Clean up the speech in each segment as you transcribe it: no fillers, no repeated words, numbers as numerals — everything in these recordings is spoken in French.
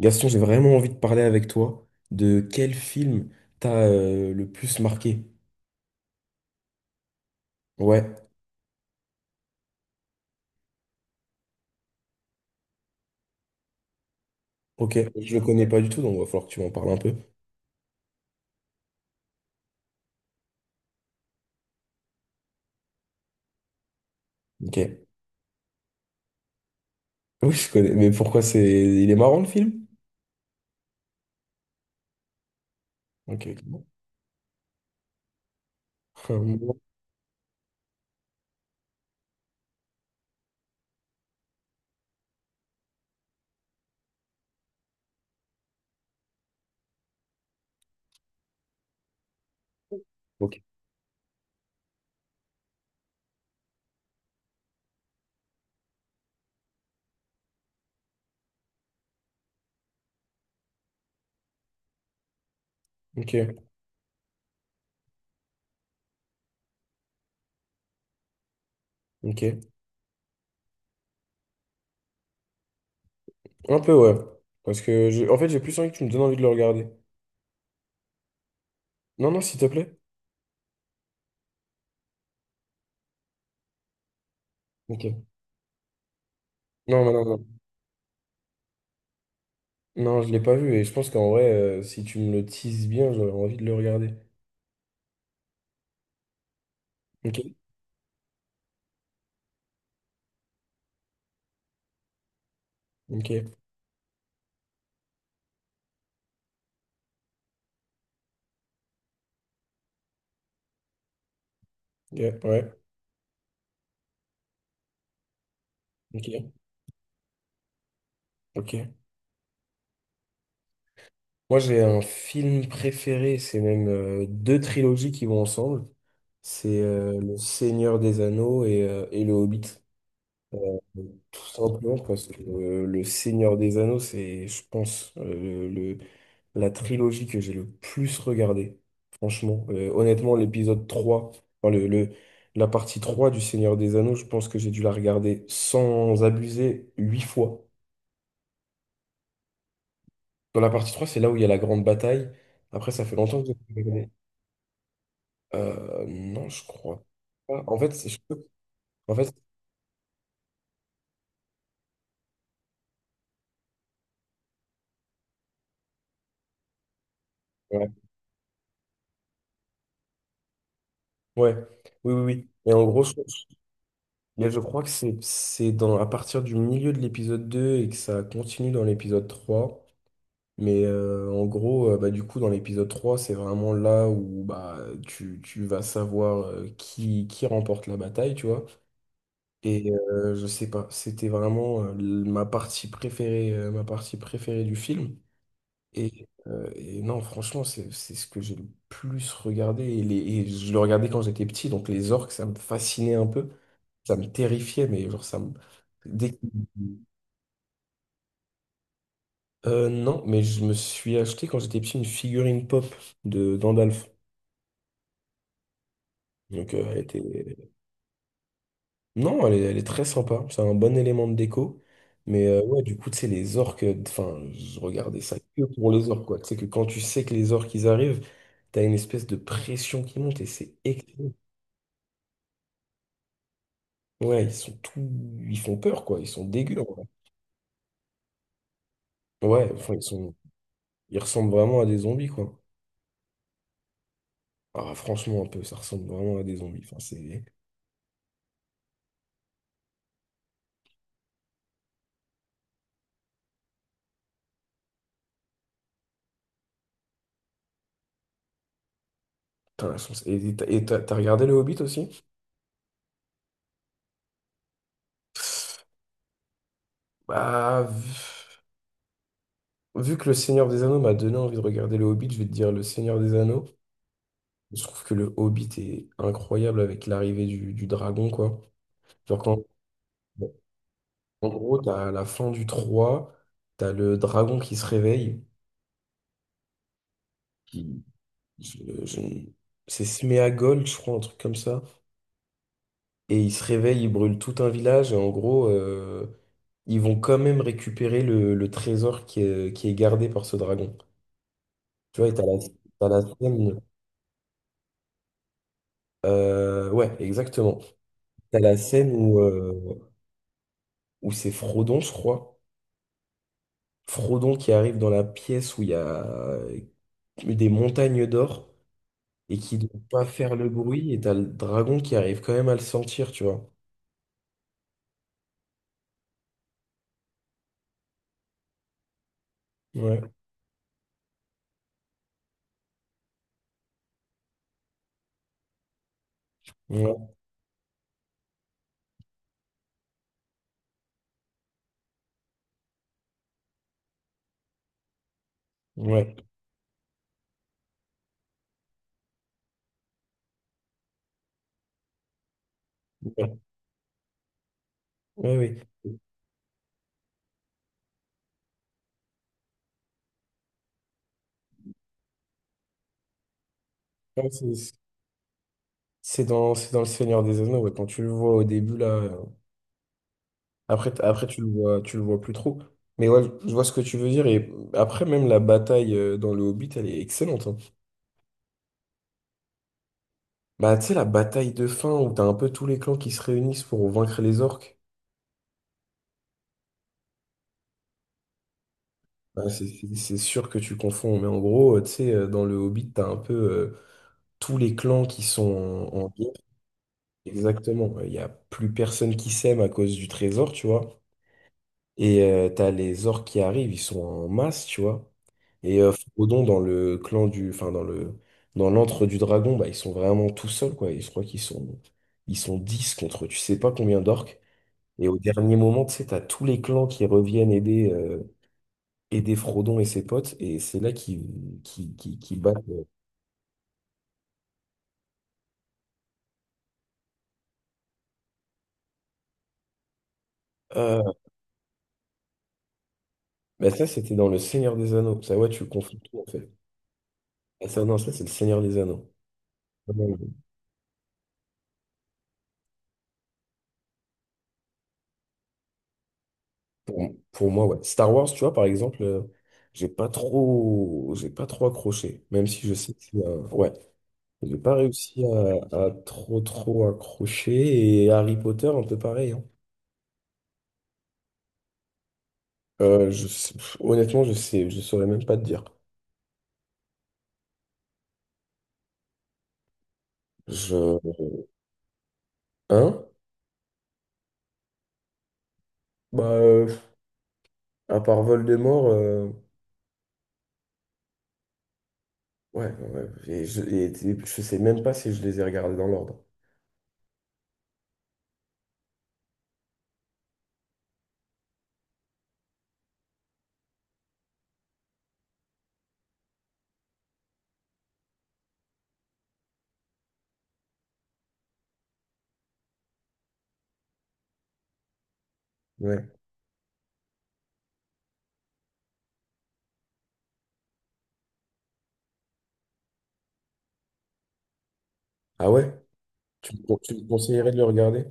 Gaston, j'ai vraiment envie de parler avec toi de quel film t'a le plus marqué. Ouais, ok, je le connais pas du tout, donc il va falloir que tu m'en parles un peu. Ok. Oui, je connais, mais pourquoi c'est... Il est marrant le film? Ok. Ok, ok, ok. Ok. Un peu, ouais. Parce que, en fait, j'ai plus envie que tu me donnes envie de le regarder. Non, non, s'il te plaît. Ok. Non, non, non, non. Non, je l'ai pas vu, et je pense qu'en vrai, si tu me le teases bien, j'aurais envie de le regarder. Ok, ok, ok, ouais, ok, ok. Moi, j'ai un film préféré, c'est même deux trilogies qui vont ensemble. C'est Le Seigneur des Anneaux et Le Hobbit. Tout simplement parce que Le Seigneur des Anneaux, c'est, je pense, la trilogie que j'ai le plus regardée. Franchement, honnêtement, l'épisode 3, enfin, la partie 3 du Seigneur des Anneaux, je pense que j'ai dû la regarder sans abuser 8 fois. Dans la partie trois, c'est là où il y a la grande bataille. Après, ça fait longtemps que j'ai pas regardé. Non, je crois pas. En fait, ouais. Ouais. Oui, oui, oui. Mais je crois que c'est dans à partir du milieu de l'épisode 2 et que ça continue dans l'épisode 3. Mais du coup, dans l'épisode 3 c'est vraiment là où bah, tu vas savoir euh, qui remporte la bataille, tu vois. Et je sais pas, c'était vraiment ma partie préférée du film. Et non, franchement, c'est ce que j'ai le plus regardé. Et je le regardais quand j'étais petit, donc les orques, ça me fascinait un peu. Ça me terrifiait, mais genre, ça me. dès que- non, mais je me suis acheté quand j'étais petit une figurine pop de d'Andalf. Donc, elle était. Non, elle est très sympa. C'est un bon élément de déco. Mais ouais, du coup, tu sais, les orques, enfin, je regardais ça que pour les orques, quoi. Tu sais que quand tu sais que les orques, ils arrivent, t'as une espèce de pression qui monte et c'est excellent. Ouais, ils sont tout... Ils font peur, quoi. Ils sont dégueux, en vrai. Ouais, enfin, ils sont... Ils ressemblent vraiment à des zombies, quoi. Ah, franchement, un peu, ça ressemble vraiment à des zombies. Enfin, c'est... Putain, elles sont- Et t'as regardé le Hobbit aussi? Bah, vu que le Seigneur des Anneaux m'a donné envie de regarder le Hobbit, je vais te dire le Seigneur des Anneaux. Je trouve que le Hobbit est incroyable avec l'arrivée du dragon, quoi. Genre quand... En gros, t'as la fin du 3, t'as le dragon qui se réveille. Je- je- C'est Sméagol, je crois, un truc comme ça. Et ils se réveillent, ils brûlent tout un village, et en gros, ils vont quand même récupérer le trésor qui est gardé par ce dragon. Tu vois, et t'as la scène... ouais, exactement. T'as la scène où, où c'est Frodon, je crois. Frodon qui arrive dans la pièce où il y a euh, des montagnes d'or, et qui ne doit pas faire le bruit, et t'as le dragon qui arrive quand même à le sentir, tu vois. Ouais, ouais, ouais. Oui, oui. Ouais, c'est dans Le Seigneur des Anneaux, ouais. Quand tu le vois au début, là, après, après tu le vois plus trop. Mais ouais, je vois ce que tu veux dire. Et après, même la bataille dans Le Hobbit, elle est excellente, hein. Bah, tu sais, la bataille de fin où t'as un peu tous les clans qui se réunissent pour vaincre les orques. Bah, c'est sûr que tu confonds. Mais en gros, tu sais, dans Le Hobbit, t'as un peu tous les clans qui sont en guerre. Exactement, ouais. Il n'y a plus personne qui s'aime à cause du trésor, tu vois. Et t'as les orques qui arrivent, ils sont en masse, tu vois. Et Frodon, dans le clan du... Enfin, dans le... Dans l'antre du dragon, bah, ils sont vraiment tout seuls, quoi. Et je crois qu'ils sont... Ils sont 10 contre tu sais pas combien d'orques. Et au dernier moment, tu sais, t'as tous les clans qui reviennent aider, aider Frodon et ses potes. Et c'est là qui battent... euh, bah ça, c'était dans Le Seigneur des Anneaux. Ça, ouais, tu confonds tout, en fait. Ah, ça, non, ça, c'est Le Seigneur des Anneaux. Ah, ouais. Pour, pour moi, ouais. Star Wars, tu vois, par exemple, j'ai pas trop accroché, même si je sais que, euh, ouais, j'ai pas réussi à trop trop accrocher. Et Harry Potter, un peu pareil, hein. Pff, honnêtement, je saurais même pas te dire. Je, hein? Bah, à part Voldemort, ouais, ouais. Et je sais même pas si je les ai regardés dans l'ordre. Ouais. Ah ouais? Tu me conseillerais de le regarder?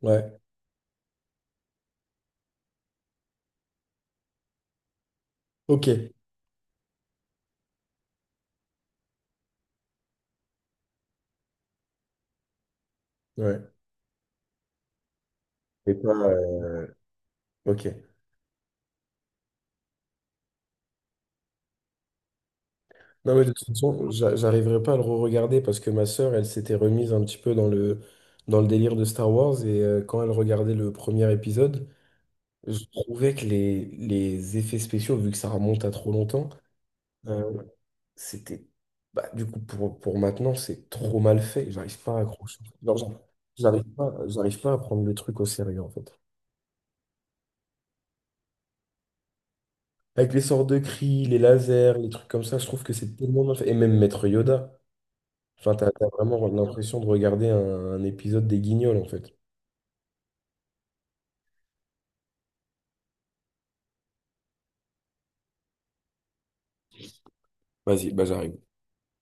Ouais. Ok. Ouais. Et pas. Ok. Non, mais de toute façon, j'arriverai pas à le re-regarder parce que ma sœur, elle s'était remise un petit peu dans le délire de Star Wars, et quand elle regardait le premier épisode, je trouvais que les effets spéciaux, vu que ça remonte à trop longtemps, euh, c'était... Bah, du coup, pour maintenant, c'est trop mal fait. J'arrive pas à accrocher. Non, j'arrive pas à prendre le truc au sérieux, en fait. Avec les sorts de cris, les lasers, les trucs comme ça, je trouve que c'est tellement mal fait. Et même Maître Yoda. Enfin, t'as vraiment l'impression de regarder un épisode des Guignols, en fait. Vas-y, bah j'arrive.